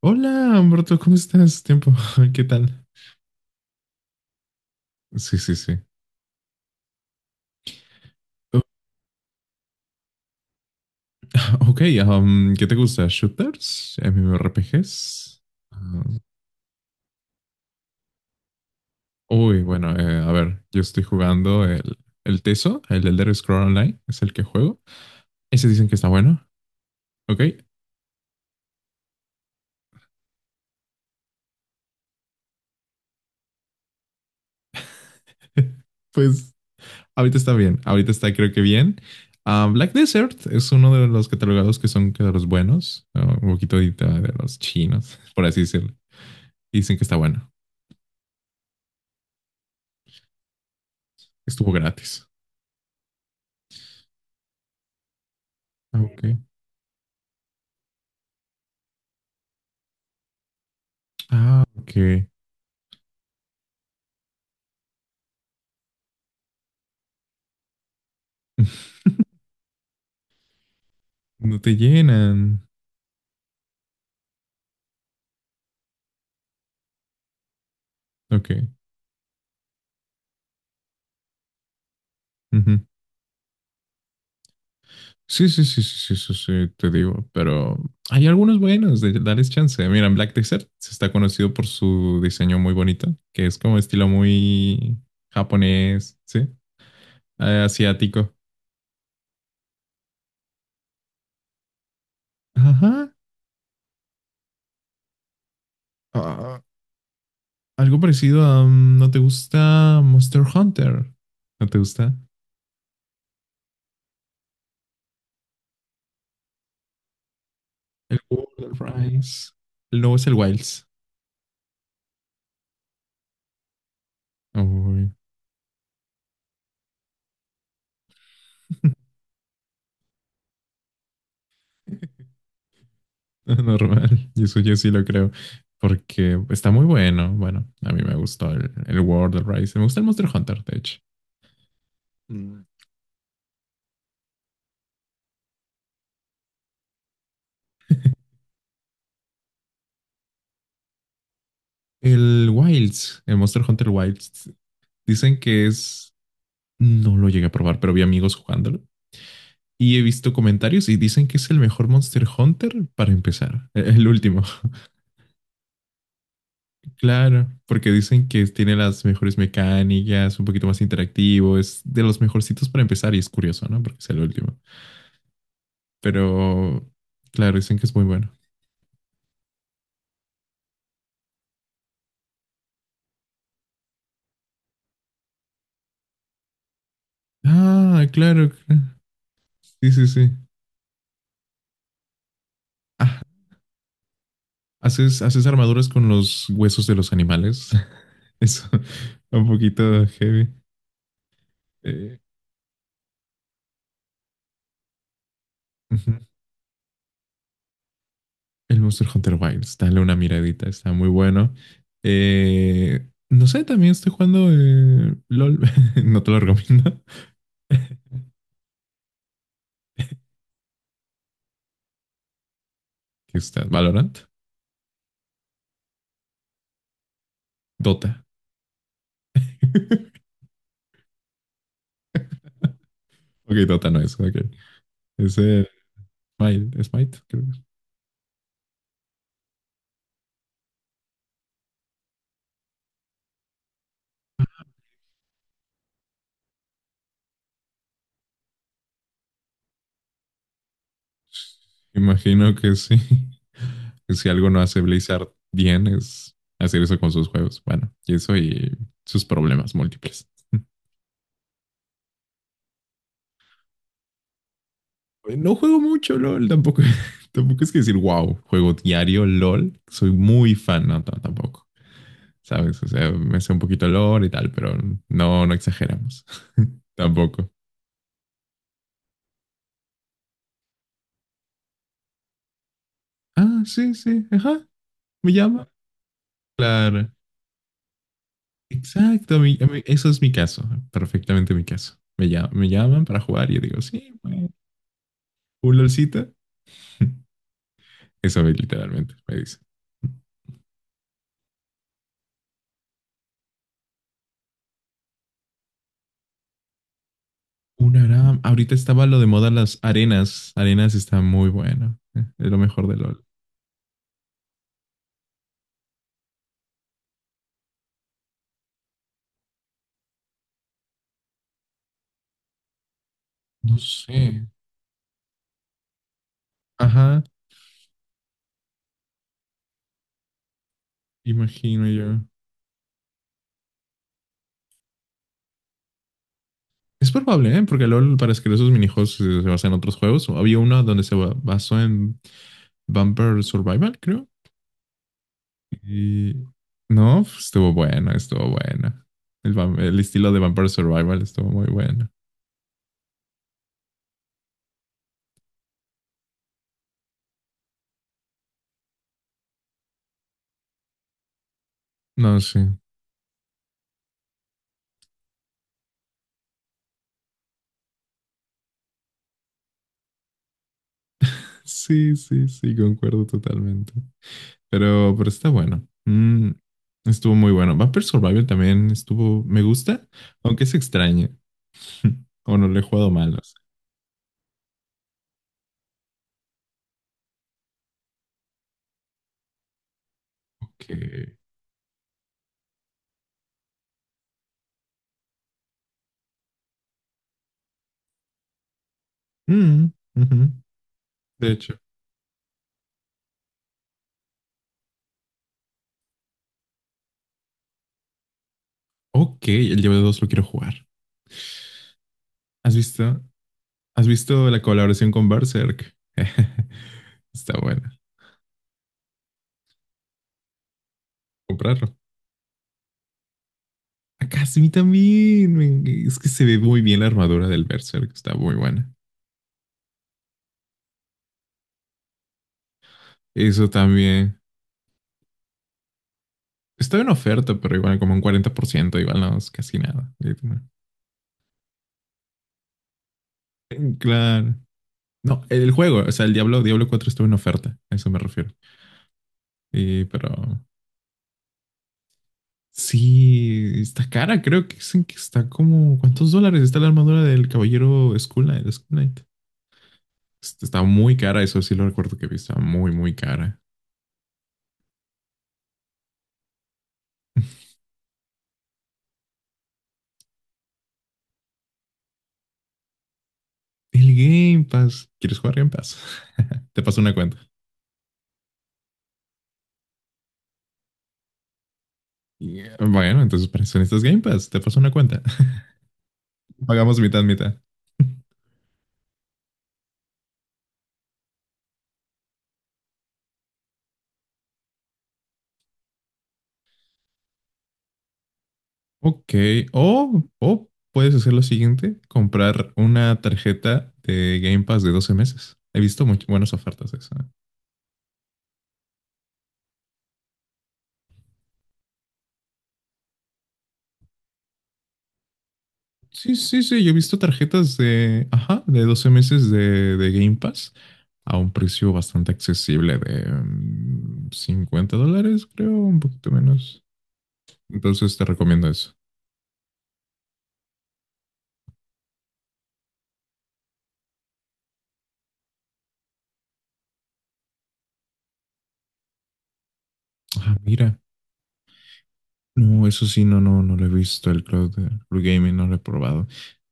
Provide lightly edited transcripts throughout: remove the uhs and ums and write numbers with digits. Hola, Humberto, ¿cómo estás? Tiempo, ¿qué tal? Sí, sí, sí. Uh, Ok, ¿qué te gusta? ¿Shooters? ¿MMORPGs? Ah, uy, bueno, a ver, yo estoy jugando el Teso, el Elder Scroll Online, es el que juego. Ese dicen que está bueno, ok. Pues ahorita está bien, ahorita está creo que bien. Ah, Black Desert es uno de los catalogados que son que de los buenos, ah, un poquito de los chinos, por así decirlo. Dicen que está bueno, estuvo gratis. Ah, ok. Ah, ok. No te llenan. Ok. Ujú. Sí, sí, sí, sí, sí, eso sí, te digo. Pero hay algunos buenos de darles chance. Mira, Black Desert se está conocido por su diseño muy bonito, que es como estilo muy japonés, ¿sí? Asiático. Ajá. Ah, algo parecido a... ¿No te gusta Monster Hunter? ¿No te gusta? El World Rise. El nuevo es el Wilds. Uy. Normal. Y eso yo sí lo creo. Porque está muy bueno. Bueno, a mí me gustó el World, el Rise. Me gusta el Monster Hunter, de hecho. Mm. El Wilds, el Monster Hunter Wilds, dicen que es, no lo llegué a probar, pero vi amigos jugándolo y he visto comentarios y dicen que es el mejor Monster Hunter para empezar, el último. Claro, porque dicen que tiene las mejores mecánicas, un poquito más interactivo, es de los mejorcitos para empezar y es curioso, ¿no? Porque es el último. Pero, claro, dicen que es muy bueno. Ah, claro. Sí, sí, sí. Ah, ¿haces armaduras con los huesos de los animales? Eso, un poquito heavy. Eh, Ujú. El Monster Hunter Wilds, dale una miradita, está muy bueno. No sé, también estoy jugando LOL, no te lo recomiendo. ¿Qué está? ¿Valorant? Dota. Ok, Dota no es, ok. Es el Smite, creo. Imagino que sí. Que si algo no hace Blizzard bien es hacer eso con sus juegos. Bueno, y eso y sus problemas múltiples. No juego mucho LOL, tampoco, tampoco es que decir, wow, juego diario LOL. Soy muy fan, no, tampoco. ¿Sabes? O sea, me sé un poquito LOL y tal, pero no, no exageramos. Tampoco. Ah, sí, sí, ajá, me llama. Claro. Exacto, eso es mi caso, perfectamente mi caso. Me llaman para jugar y yo digo, sí, bueno, un LOLcito. Eso literalmente me dice. Una gran... Ahorita estaba lo de moda las arenas. Arenas está muy bueno. Es lo mejor de LOL. No sé. Ajá, imagino yo. Es probable, ¿eh? Porque LOL, para escribir esos minijuegos, se basa en otros juegos. Había uno donde basó en Vampire Survival, creo. Y no, pues, estuvo bueno, estuvo bueno. El, el estilo de Vampire Survival estuvo muy bueno. No, sí. Sí, sí, sí, concuerdo totalmente. Pero está bueno. Mm, estuvo muy bueno. Vampire Survival también estuvo, me gusta, aunque es extraño. O no lo he jugado mal, no sé. Ok. Mm, ujú, de hecho. Ok, el Diablo 2 lo quiero jugar. ¿Has visto? ¿Has visto la colaboración con Berserk? Está buena. Comprarlo. Acá sí, a mí también. Es que se ve muy bien la armadura del Berserk. Está muy buena. Eso también. Estaba en oferta, pero igual como un 40%, igual no es casi nada. Claro. No, el juego, o sea, el Diablo 4 estuvo en oferta, a eso me refiero. Pero sí, está cara, creo que dicen que está como, ¿cuántos dólares está la armadura del caballero Skull Knight? Está muy cara, eso sí lo recuerdo que vi, está muy, muy cara. El Game Pass, ¿quieres jugar Game Pass? Te paso una cuenta. Yeah. Bueno, entonces para eso necesitas Game Pass. Te paso una cuenta. Pagamos mitad, mitad. Ok. O puedes hacer lo siguiente: comprar una tarjeta de Game Pass de 12 meses. He visto buenas ofertas de eso. Sí, sí, sí. Yo he visto tarjetas de, ajá, de 12 meses de Game Pass a un precio bastante accesible de mm, $50, creo, un poquito menos. Entonces te recomiendo eso. Ah, mira. No, eso sí, no, no, no lo he visto, el cloud de no lo he probado.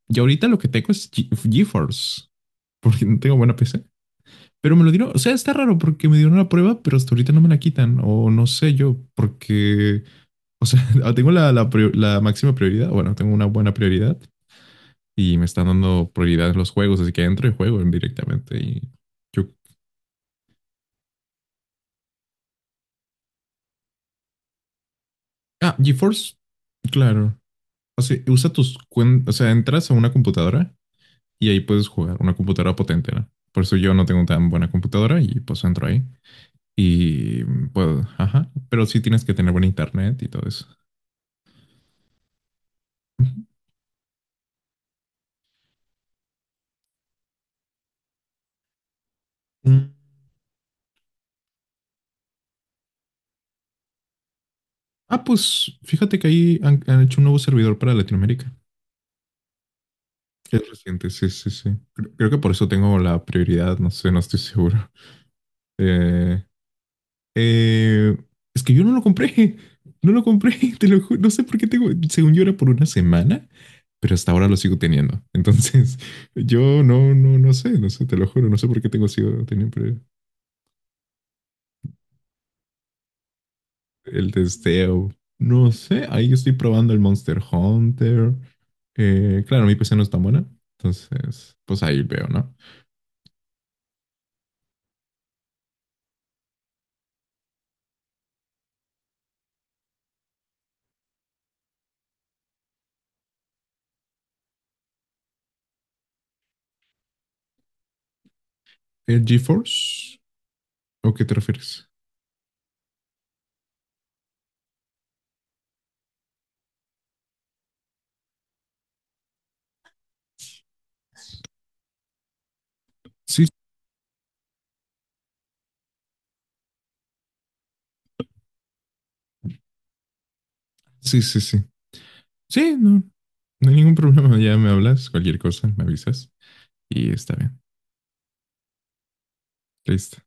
Y ahorita lo que tengo es GeForce, porque no tengo buena PC. Pero me lo dieron, o sea, está raro porque me dieron una prueba, pero hasta ahorita no me la quitan, o no sé yo, porque, o sea, tengo la máxima prioridad, bueno, tengo una buena prioridad y me están dando prioridad en los juegos, así que entro y juego directamente. Y yo, ah, GeForce, claro. O sea, usa tus cuentas, o sea, entras a una computadora y ahí puedes jugar una computadora potente, ¿no? Por eso yo no tengo tan buena computadora y pues entro ahí y puedo, ajá, pero sí tienes que tener buen internet y todo eso. Ujú. Ah, pues fíjate que ahí han hecho un nuevo servidor para Latinoamérica. Es reciente, sí, sí, sí. Creo, creo que por eso tengo la prioridad, no sé, no estoy seguro. Eh, Eh, es que yo no lo compré, no lo compré, te no sé por qué tengo, según yo era por una semana, pero hasta ahora lo sigo teniendo. Entonces, yo no, no, no sé, no sé, te lo juro, no sé por qué tengo sigo teniendo el testeo. No sé, ahí yo estoy probando el Monster Hunter. Claro, mi PC no es tan buena, entonces, pues ahí veo, ¿no? ¿El GeForce? ¿O qué te refieres? Sí, sí, sí, sí. Sí, no. No hay ningún problema. Ya me hablas, cualquier cosa, me avisas y está bien. Listo.